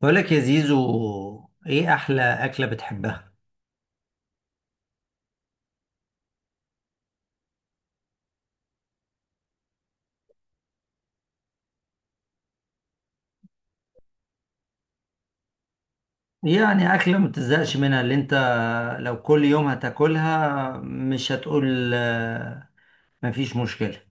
بقولك يا زيزو، ايه احلى اكلة بتحبها؟ يعني اكلة ما بتزهقش منها، اللي انت لو كل يوم هتاكلها مش هتقول مفيش مشكلة.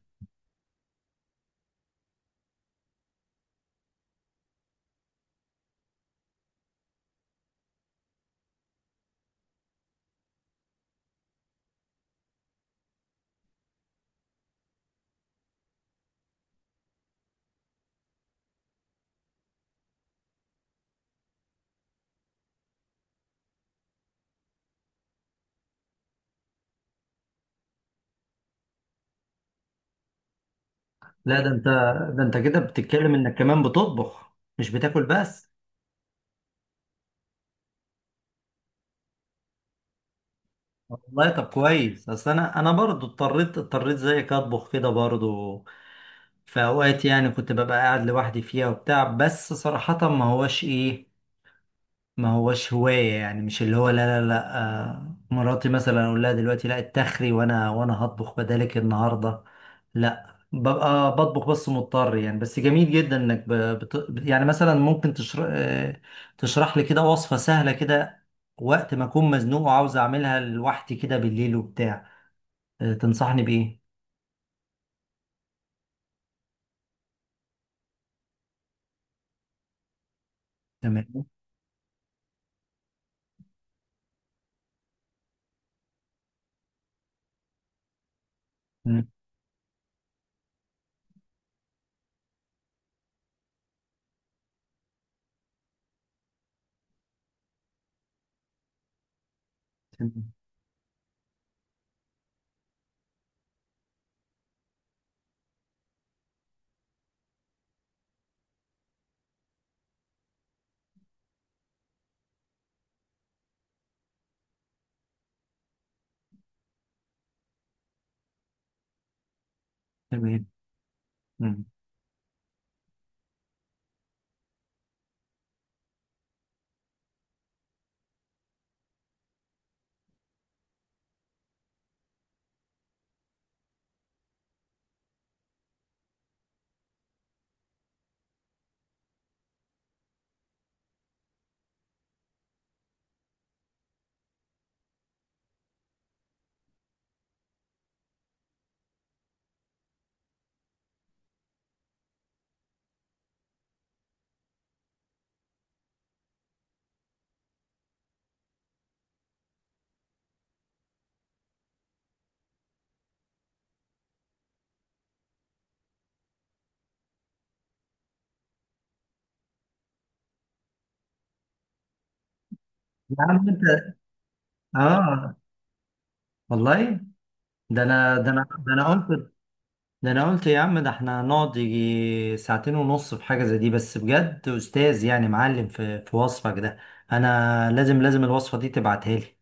لا، ده انت كده بتتكلم انك كمان بتطبخ مش بتاكل بس. والله طب كويس، اصل انا برضو اضطريت زيك اطبخ كده برضو في اوقات، يعني كنت ببقى قاعد لوحدي فيها وبتاع، بس صراحة ما هوش ايه، ما هوش هواية يعني. مش اللي هو لا لا لا. مراتي مثلا اقول لها دلوقتي لا اتخري وانا هطبخ بدالك النهاردة. لا ببقى بطبخ بس مضطر يعني. بس جميل جدا انك يعني مثلا ممكن تشرح لي كده وصفة سهلة كده، وقت ما اكون مزنوق وعاوز اعملها لوحدي كده بالليل وبتاع. تنصحني بايه؟ تمام. مم. تمام. تمام. مم. يا عم انت، اه والله، ده انا قلت، ده انا قلت يا عم، ده احنا هنقعد يجي ساعتين ونص في حاجة زي دي. بس بجد استاذ، يعني معلم في وصفك ده. انا لازم لازم الوصفة دي تبعتها لي.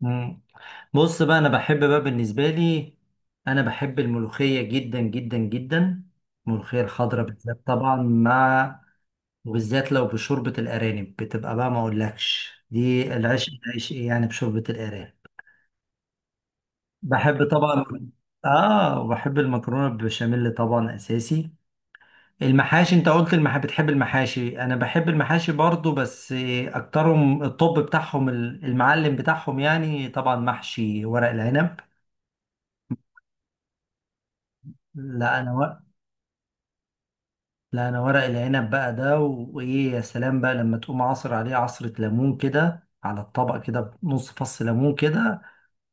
مم. بص بقى، انا بحب بقى، بالنسبة لي انا بحب الملوخية جدا جدا جدا، الملوخية الخضراء بالذات طبعا. مع وبالذات لو بشوربة الارانب بتبقى بقى ما اقولكش، دي العشق العشق يعني بشوربة الارانب. بحب طبعا. اه، وبحب المكرونة بالبشاميل طبعا اساسي. المحاشي، انت قلت بتحب المحاشي، انا بحب المحاشي برضو، بس اكترهم الطب بتاعهم، المعلم بتاعهم يعني طبعا محشي ورق العنب. لا انا ورق لا انا ورق العنب بقى ده، وايه، يا سلام بقى لما تقوم عصر عليه عصرة ليمون كده على الطبق، كده نص فص ليمون كده،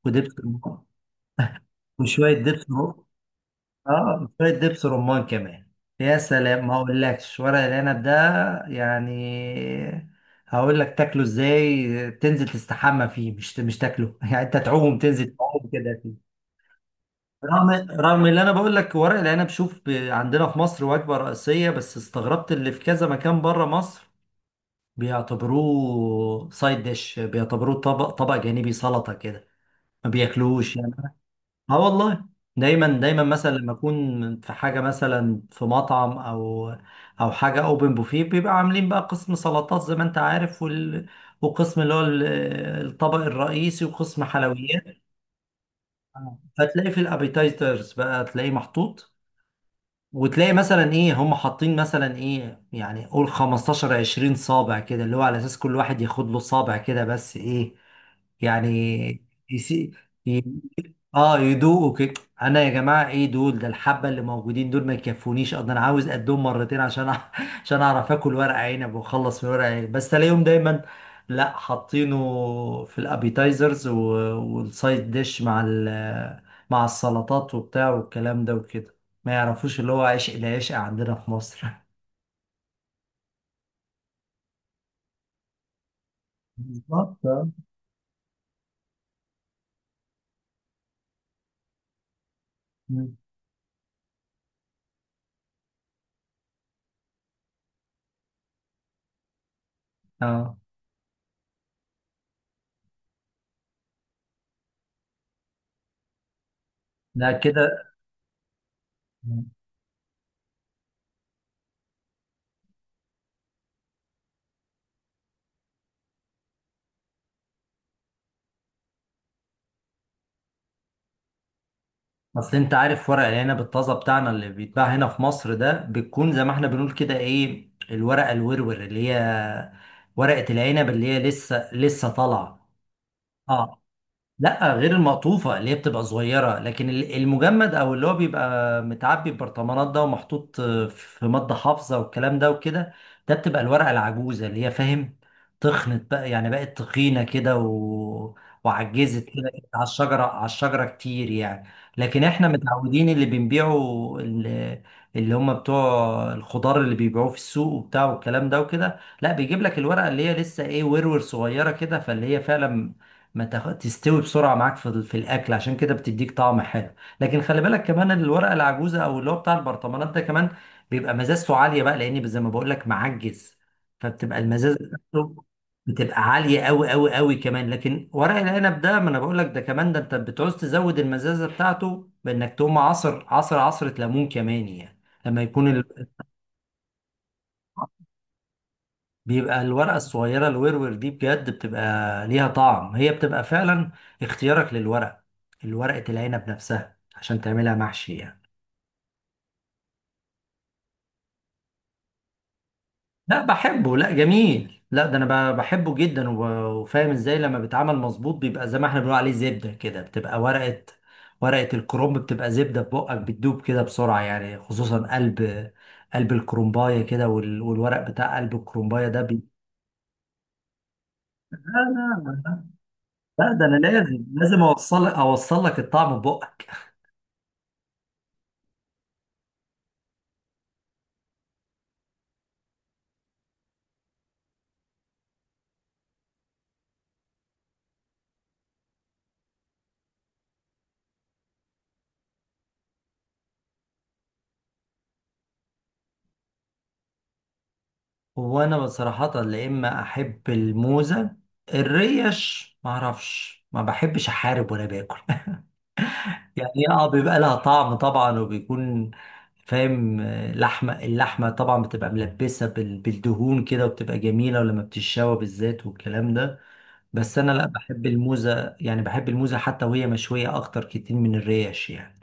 ودبس. وشوية دبس. اه شوية دبس رمان كمان. يا سلام، ما اقولكش ورق العنب ده يعني. هقول لك تاكله ازاي؟ تنزل تستحمى فيه، مش تاكله يعني انت تعوم، تنزل تعوم كده فيه. رغم رغم اللي انا بقول لك ورق العنب، شوف عندنا في مصر وجبة رئيسية، بس استغربت اللي في كذا مكان بره مصر بيعتبروه سايد ديش، بيعتبروه طبق جانبي، سلطة كده، ما بياكلوش يعني. اه والله، دايما دايما مثلا لما اكون في حاجه مثلا في مطعم او او حاجه اوبن بوفيه، بيبقى عاملين بقى قسم سلطات زي ما انت عارف، وقسم اللي هو الطبق الرئيسي، وقسم حلويات. آه. فتلاقي في الابيتايزرز بقى تلاقيه محطوط، وتلاقي مثلا ايه هم حاطين مثلا ايه، يعني قول 15 20 صابع كده، اللي هو على اساس كل واحد ياخد له صابع كده، بس ايه، يعني يسي... اه يدوقوا كده. انا يا جماعه، ايه دول؟ ده الحبه اللي موجودين دول ما يكفونيش اصلا، انا عاوز قدهم مرتين عشان عشان اعرف اكل ورق عنب واخلص من ورق عنب، بس الاقيهم دايما لا حاطينه في الابيتايزرز والسايد ديش مع مع السلطات وبتاع والكلام ده وكده، ما يعرفوش اللي هو عشق العشق عندنا في مصر بالظبط آه. مم. اه. لا كده. اصل انت عارف ورق العنب الطازه بتاعنا اللي بيتباع هنا في مصر ده، بتكون زي ما احنا بنقول كده ايه، الورقه الورور اللي هي ورقه العنب اللي هي لسه لسه طالعه. اه، لا، غير المقطوفة اللي هي بتبقى صغيرة، لكن المجمد او اللي هو بيبقى متعبي ببرطمانات ده ومحطوط في مادة حافظة والكلام ده وكده، ده بتبقى الورقة العجوزة اللي هي فاهم، تخنت بقى يعني، بقت تخينة كده وعجزت كده على الشجرة، على الشجرة كتير يعني. لكن احنا متعودين اللي بنبيعه، اللي, اللي هم بتوع الخضار اللي بيبيعوه في السوق وبتاع والكلام ده وكده، لا بيجيب لك الورقة اللي هي لسه ايه، ورور صغيرة كده، فاللي هي فعلا ما تاخد، تستوي بسرعه معاك في في الاكل، عشان كده بتديك طعم حلو. لكن خلي بالك كمان إن الورقه العجوزه او اللي هو بتاع البرطمانات ده كمان بيبقى مزازته عاليه بقى، لان زي ما بقول لك معجز، فبتبقى المزازه بتاعته بتبقى عاليه قوي قوي قوي كمان. لكن ورق العنب ده ما انا بقول لك ده كمان، ده انت بتعوز تزود المزازه بتاعته بانك تقوم عصره ليمون كمان يعني. لما يكون بيبقى الورقة الصغيرة الورور دي بجد بتبقى ليها طعم، هي بتبقى فعلا اختيارك للورق، الورقة العنب نفسها عشان تعملها محشي يعني. لا بحبه، لا جميل، لا ده انا بحبه جدا وفاهم ازاي لما بيتعمل مظبوط بيبقى زي ما احنا بنقول عليه زبدة كده، بتبقى ورقة، ورقة الكرنب بتبقى زبدة في بقك، بتدوب كده بسرعة يعني، خصوصا قلب الكرنباية كده، والورق بتاع قلب الكرنباية ده لا لا لا، ده انا لازم لازم اوصل لك الطعم ببقك. وانا بصراحة لا، اما احب الموزة. الريش ما اعرفش، ما بحبش احارب وانا باكل يعني هي اه بيبقى لها طعم طبعا، وبيكون فاهم لحمة، اللحمة طبعا بتبقى ملبسة بالدهون كده وبتبقى جميلة، ولما بتتشوى بالذات والكلام ده. بس انا لا بحب الموزة يعني، بحب الموزة حتى وهي مشوية اكتر كتير من الريش يعني.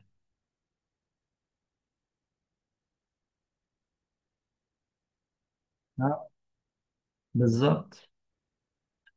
آه، بالظبط.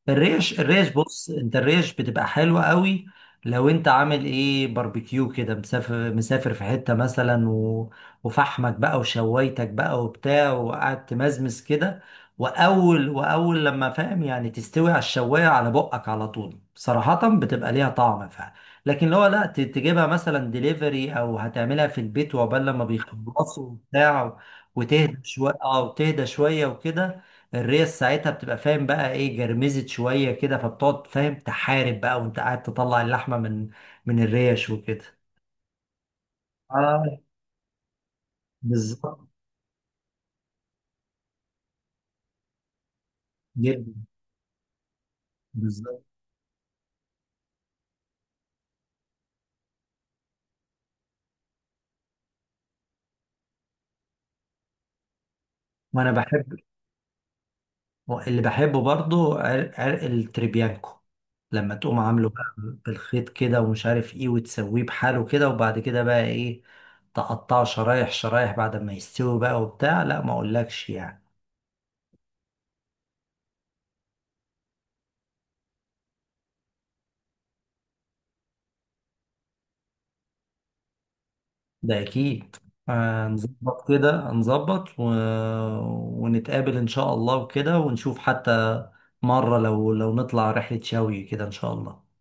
الريش، الريش بص انت، الريش بتبقى حلوة قوي، لو انت عامل ايه باربيكيو كده، مسافر في حتة مثلا وفحمك بقى وشوايتك بقى وبتاع، وقعدت تمزمز كده، واول لما فاهم يعني تستوي على الشواية على بقك على طول، صراحة بتبقى ليها طعم فعلا. لكن لو لا تجيبها مثلا ديليفري او هتعملها في البيت، وعقبال لما بيخلصوا وبتاع وتهدى شوية، اه وتهدى شوية وكده، الريس ساعتها بتبقى فاهم بقى ايه، جرمزت شوية كده، فبتقعد فاهم تحارب بقى وانت قاعد تطلع اللحمة من الريش وكده. اه بالظبط. جدا بالظبط. وانا بحب اللي بحبه برضو عرق التريبيانكو، لما تقوم عامله بقى بالخيط كده ومش عارف ايه، وتسويه بحاله كده، وبعد كده بقى ايه تقطعه شرايح شرايح بعد ما يستوي بقى وبتاع، لا ما اقولكش يعني. ده اكيد، هنظبط كده، هنظبط ونتقابل ان شاء الله وكده، ونشوف حتى مرة لو نطلع رحلة شوي كده ان شاء الله.